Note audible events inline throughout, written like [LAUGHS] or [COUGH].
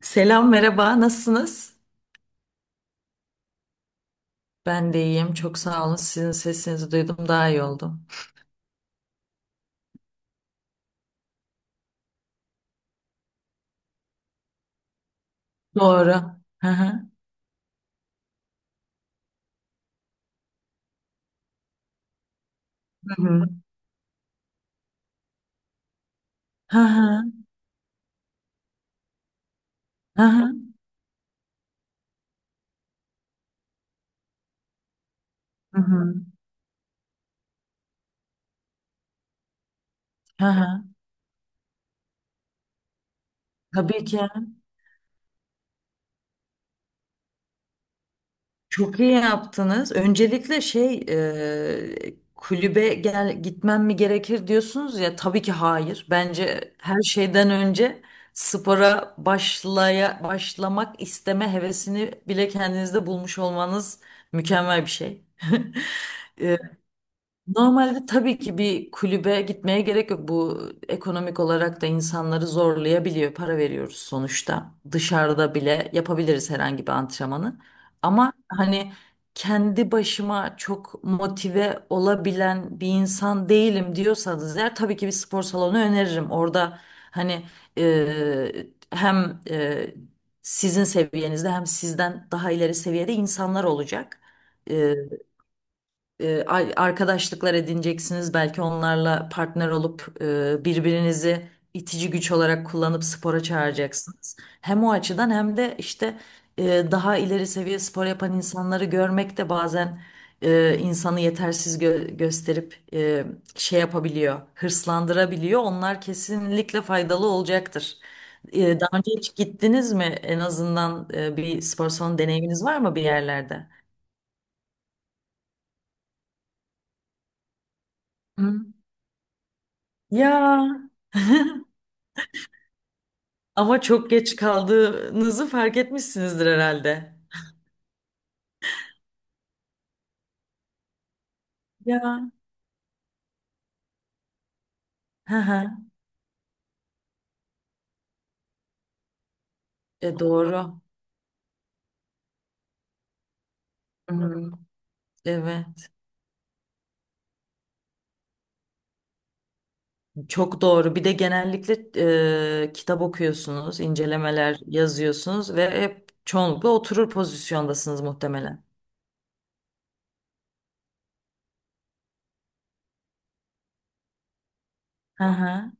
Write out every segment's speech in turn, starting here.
Selam, merhaba. Nasılsınız? Ben de iyiyim. Çok sağ olun. Sizin sesinizi duydum. Daha iyi oldum. Doğru. Hı hı. Hı hı. Hı hı. Hı hı. Hı hı. Hı hı. Tabii ki. Çok iyi yaptınız. Öncelikle şey kulübe gitmem mi gerekir diyorsunuz ya tabii ki hayır. Bence her şeyden önce spora başlamak isteme hevesini bile kendinizde bulmuş olmanız mükemmel bir şey. [LAUGHS] Normalde tabii ki bir kulübe gitmeye gerek yok. Bu ekonomik olarak da insanları zorlayabiliyor. Para veriyoruz sonuçta. Dışarıda bile yapabiliriz herhangi bir antrenmanı. Ama hani kendi başıma çok motive olabilen bir insan değilim diyorsanız eğer tabii ki bir spor salonu öneririm. Orada hani hem sizin seviyenizde hem sizden daha ileri seviyede insanlar olacak. E, arkadaşlıklar edineceksiniz. Belki onlarla partner olup birbirinizi itici güç olarak kullanıp spora çağıracaksınız. Hem o açıdan hem de işte daha ileri seviye spor yapan insanları görmek de bazen insanı yetersiz gösterip şey yapabiliyor, hırslandırabiliyor. Onlar kesinlikle faydalı olacaktır. Daha önce hiç gittiniz mi? En azından bir spor salonu deneyiminiz var mı bir yerlerde? Hı. Ya. [LAUGHS] Ama çok geç kaldığınızı fark etmişsinizdir herhalde. Ya. Hı hı. Doğru. Hmm, evet. Çok doğru. Bir de genellikle kitap okuyorsunuz, incelemeler yazıyorsunuz ve hep çoğunlukla oturur pozisyondasınız muhtemelen. Hı hı.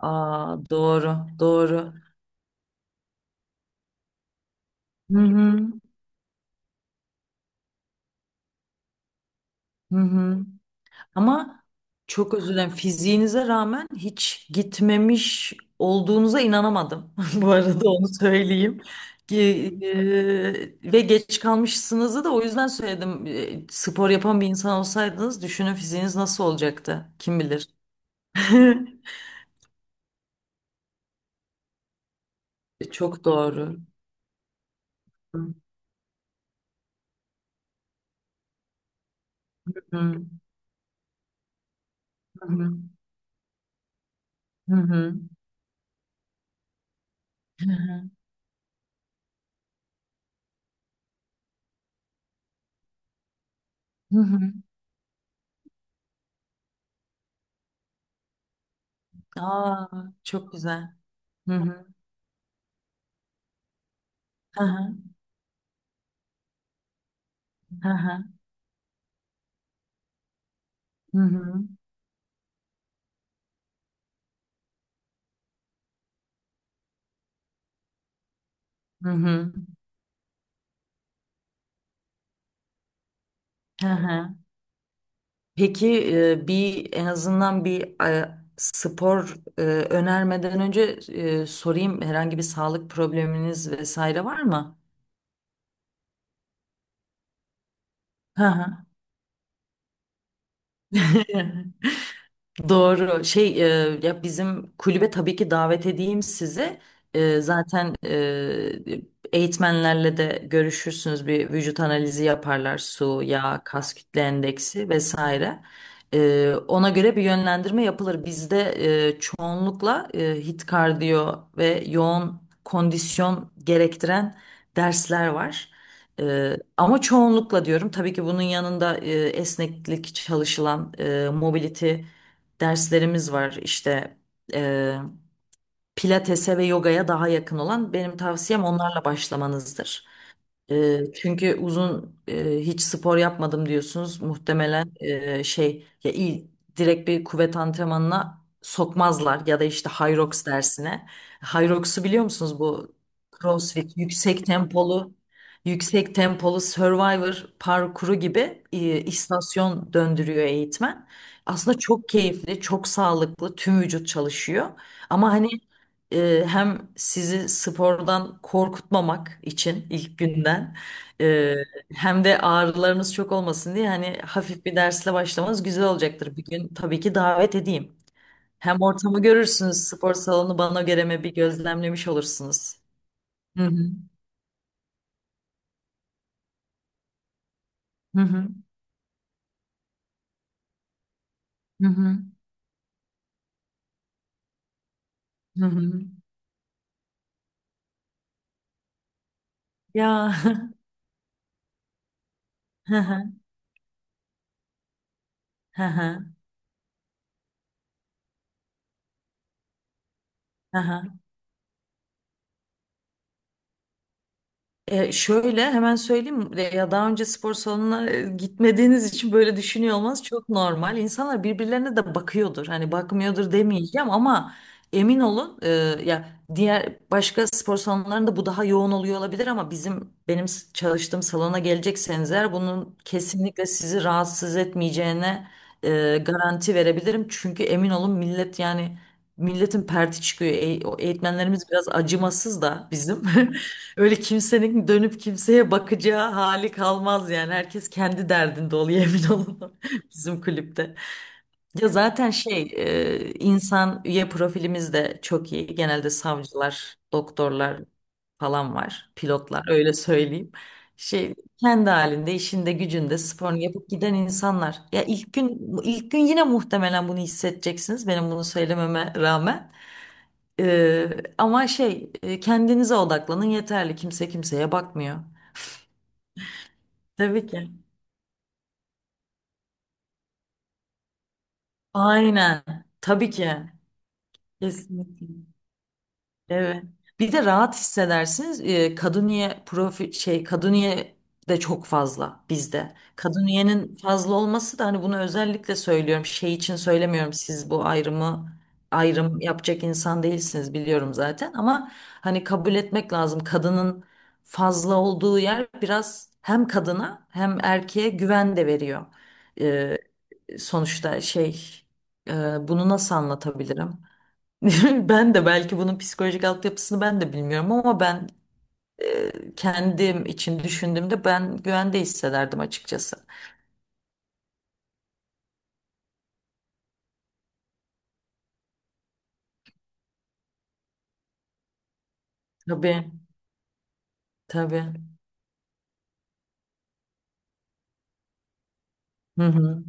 Aa, doğru, doğru. Hı hı. Hı hı. Ama çok özür dilerim. Fiziğinize rağmen hiç gitmemiş olduğunuza inanamadım. [LAUGHS] Bu arada onu söyleyeyim. Ge- ve geç kalmışsınızı da o yüzden söyledim. Spor yapan bir insan olsaydınız düşünün, fiziğiniz nasıl olacaktı? Kim bilir? [LAUGHS] Çok doğru. Hı hı. Hı hı. Hı hı. Hı hı. Aa, çok güzel. Hı hı. Hı hı. Hı hı. Hı hı. Hı hı. Hı hı. Peki bir, en azından bir spor önermeden önce sorayım, herhangi bir sağlık probleminiz vesaire var mı? Hı hı. [LAUGHS] Doğru. Şey ya bizim kulübe tabii ki davet edeyim sizi. Zaten eğitmenlerle de görüşürsünüz. Bir vücut analizi yaparlar. Su, yağ, kas kütle endeksi vesaire. Ona göre bir yönlendirme yapılır. Bizde çoğunlukla hit kardiyo ve yoğun kondisyon gerektiren dersler var. Ama çoğunlukla diyorum, tabii ki bunun yanında esneklik çalışılan mobility derslerimiz var işte, e, pilatese ve yogaya daha yakın olan. Benim tavsiyem onlarla başlamanızdır. Çünkü uzun, hiç spor yapmadım diyorsunuz. Muhtemelen şey, ya iyi, direkt bir kuvvet antrenmanına sokmazlar ya da işte Hyrox dersine. Hyrox'u biliyor musunuz? Bu CrossFit, yüksek tempolu Survivor parkuru gibi, istasyon döndürüyor eğitmen. Aslında çok keyifli, çok sağlıklı, tüm vücut çalışıyor. Ama hani hem sizi spordan korkutmamak için ilk günden, e, hem de ağrılarınız çok olmasın diye hani hafif bir dersle başlamanız güzel olacaktır. Bir gün tabii ki davet edeyim. Hem ortamı görürsünüz, spor salonu bana göre mi bir gözlemlemiş olursunuz. Hı hı, hı hı, hı hı. Hı hı. Ya. [LAUGHS] Hı hı, hı hı. Hı hı. Şöyle hemen söyleyeyim. Ya daha önce spor salonuna gitmediğiniz için böyle düşünüyor olmanız çok normal. İnsanlar birbirlerine de bakıyordur. Hani bakmıyordur demeyeceğim ama emin olun, ya diğer başka spor salonlarında bu daha yoğun oluyor olabilir ama bizim, benim çalıştığım salona gelecekseniz eğer, bunun kesinlikle sizi rahatsız etmeyeceğine garanti verebilirim. Çünkü emin olun, millet yani milletin perti çıkıyor. O eğitmenlerimiz biraz acımasız da bizim. [LAUGHS] Öyle kimsenin dönüp kimseye bakacağı hali kalmaz yani. Herkes kendi derdinde oluyor, emin olun. [LAUGHS] Bizim kulüpte. Ya zaten şey, insan üye profilimiz de çok iyi. Genelde savcılar, doktorlar falan var. Pilotlar, öyle söyleyeyim. Şey, kendi halinde, işinde, gücünde sporunu yapıp giden insanlar. Ya ilk gün, ilk gün yine muhtemelen bunu hissedeceksiniz benim bunu söylememe rağmen. Ee, ama şey, kendinize odaklanın yeterli. Kimse kimseye bakmıyor. Tabii ki. Aynen. Tabii ki. Kesinlikle. Evet. Bir de rahat hissedersiniz. Kaduniye profi, şey, Kaduniye de çok fazla bizde. Kaduniye'nin fazla olması da, hani, bunu özellikle söylüyorum. Şey için söylemiyorum. Siz bu ayrım yapacak insan değilsiniz, biliyorum zaten, ama hani kabul etmek lazım. Kadının fazla olduğu yer biraz hem kadına hem erkeğe güven de veriyor. Ee, sonuçta şey, bunu nasıl anlatabilirim? [LAUGHS] Ben de belki bunun psikolojik altyapısını ben de bilmiyorum ama ben kendim için düşündüğümde ben güvende hissederdim açıkçası. Tabii, tabii. Hı hı,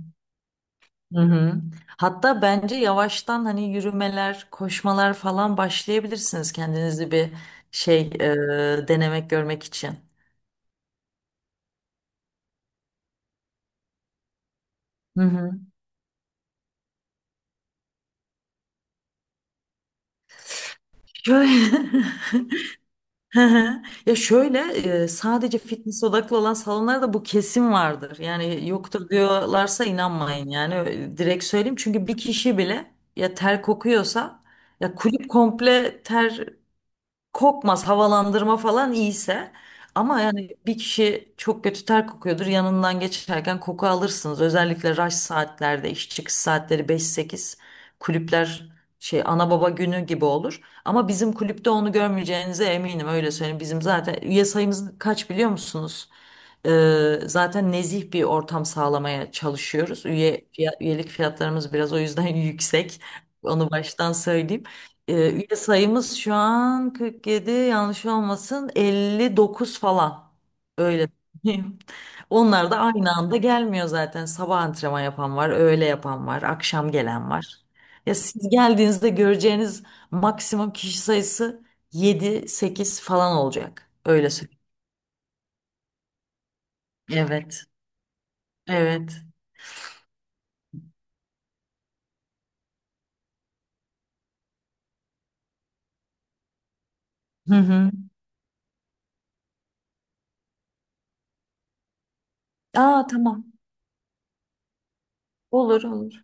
hı hı. Hatta bence yavaştan hani yürümeler, koşmalar falan başlayabilirsiniz kendinizi bir şey, denemek, görmek için. Hı hı. Şöyle. [LAUGHS] Hı hı. Ya şöyle, sadece fitness odaklı olan salonlarda bu kesin vardır. Yani yoktur diyorlarsa inanmayın yani, direkt söyleyeyim. Çünkü bir kişi bile ya ter kokuyorsa, ya kulüp komple ter kokmaz havalandırma falan iyiyse, ama yani bir kişi çok kötü ter kokuyordur, yanından geçerken koku alırsınız, özellikle rush saatlerde, iş çıkış saatleri 5-8 kulüpler şey ana baba günü gibi olur. Ama bizim kulüpte onu görmeyeceğinize eminim, öyle söyleyeyim. Bizim zaten üye sayımız kaç biliyor musunuz? Zaten nezih bir ortam sağlamaya çalışıyoruz. Üyelik fiyatlarımız biraz o yüzden [LAUGHS] yüksek. Onu baştan söyleyeyim. Üye sayımız şu an 47, yanlış olmasın, 59 falan. Öyle söyleyeyim. [LAUGHS] Onlar da aynı anda gelmiyor zaten. Sabah antrenman yapan var, öğle yapan var, akşam gelen var. Ya siz geldiğinizde göreceğiniz maksimum kişi sayısı 7-8 falan olacak. Öyle söyleyeyim. Evet. Evet. Hı hı. Aa, tamam. Olur olur.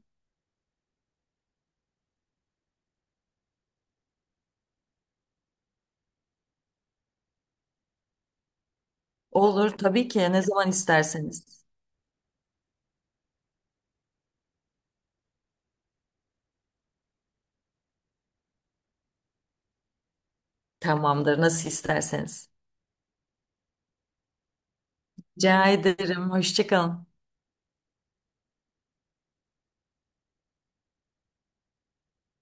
Olur tabii ki, ne zaman isterseniz. Tamamdır, nasıl isterseniz. Rica ederim. Hoşça kalın.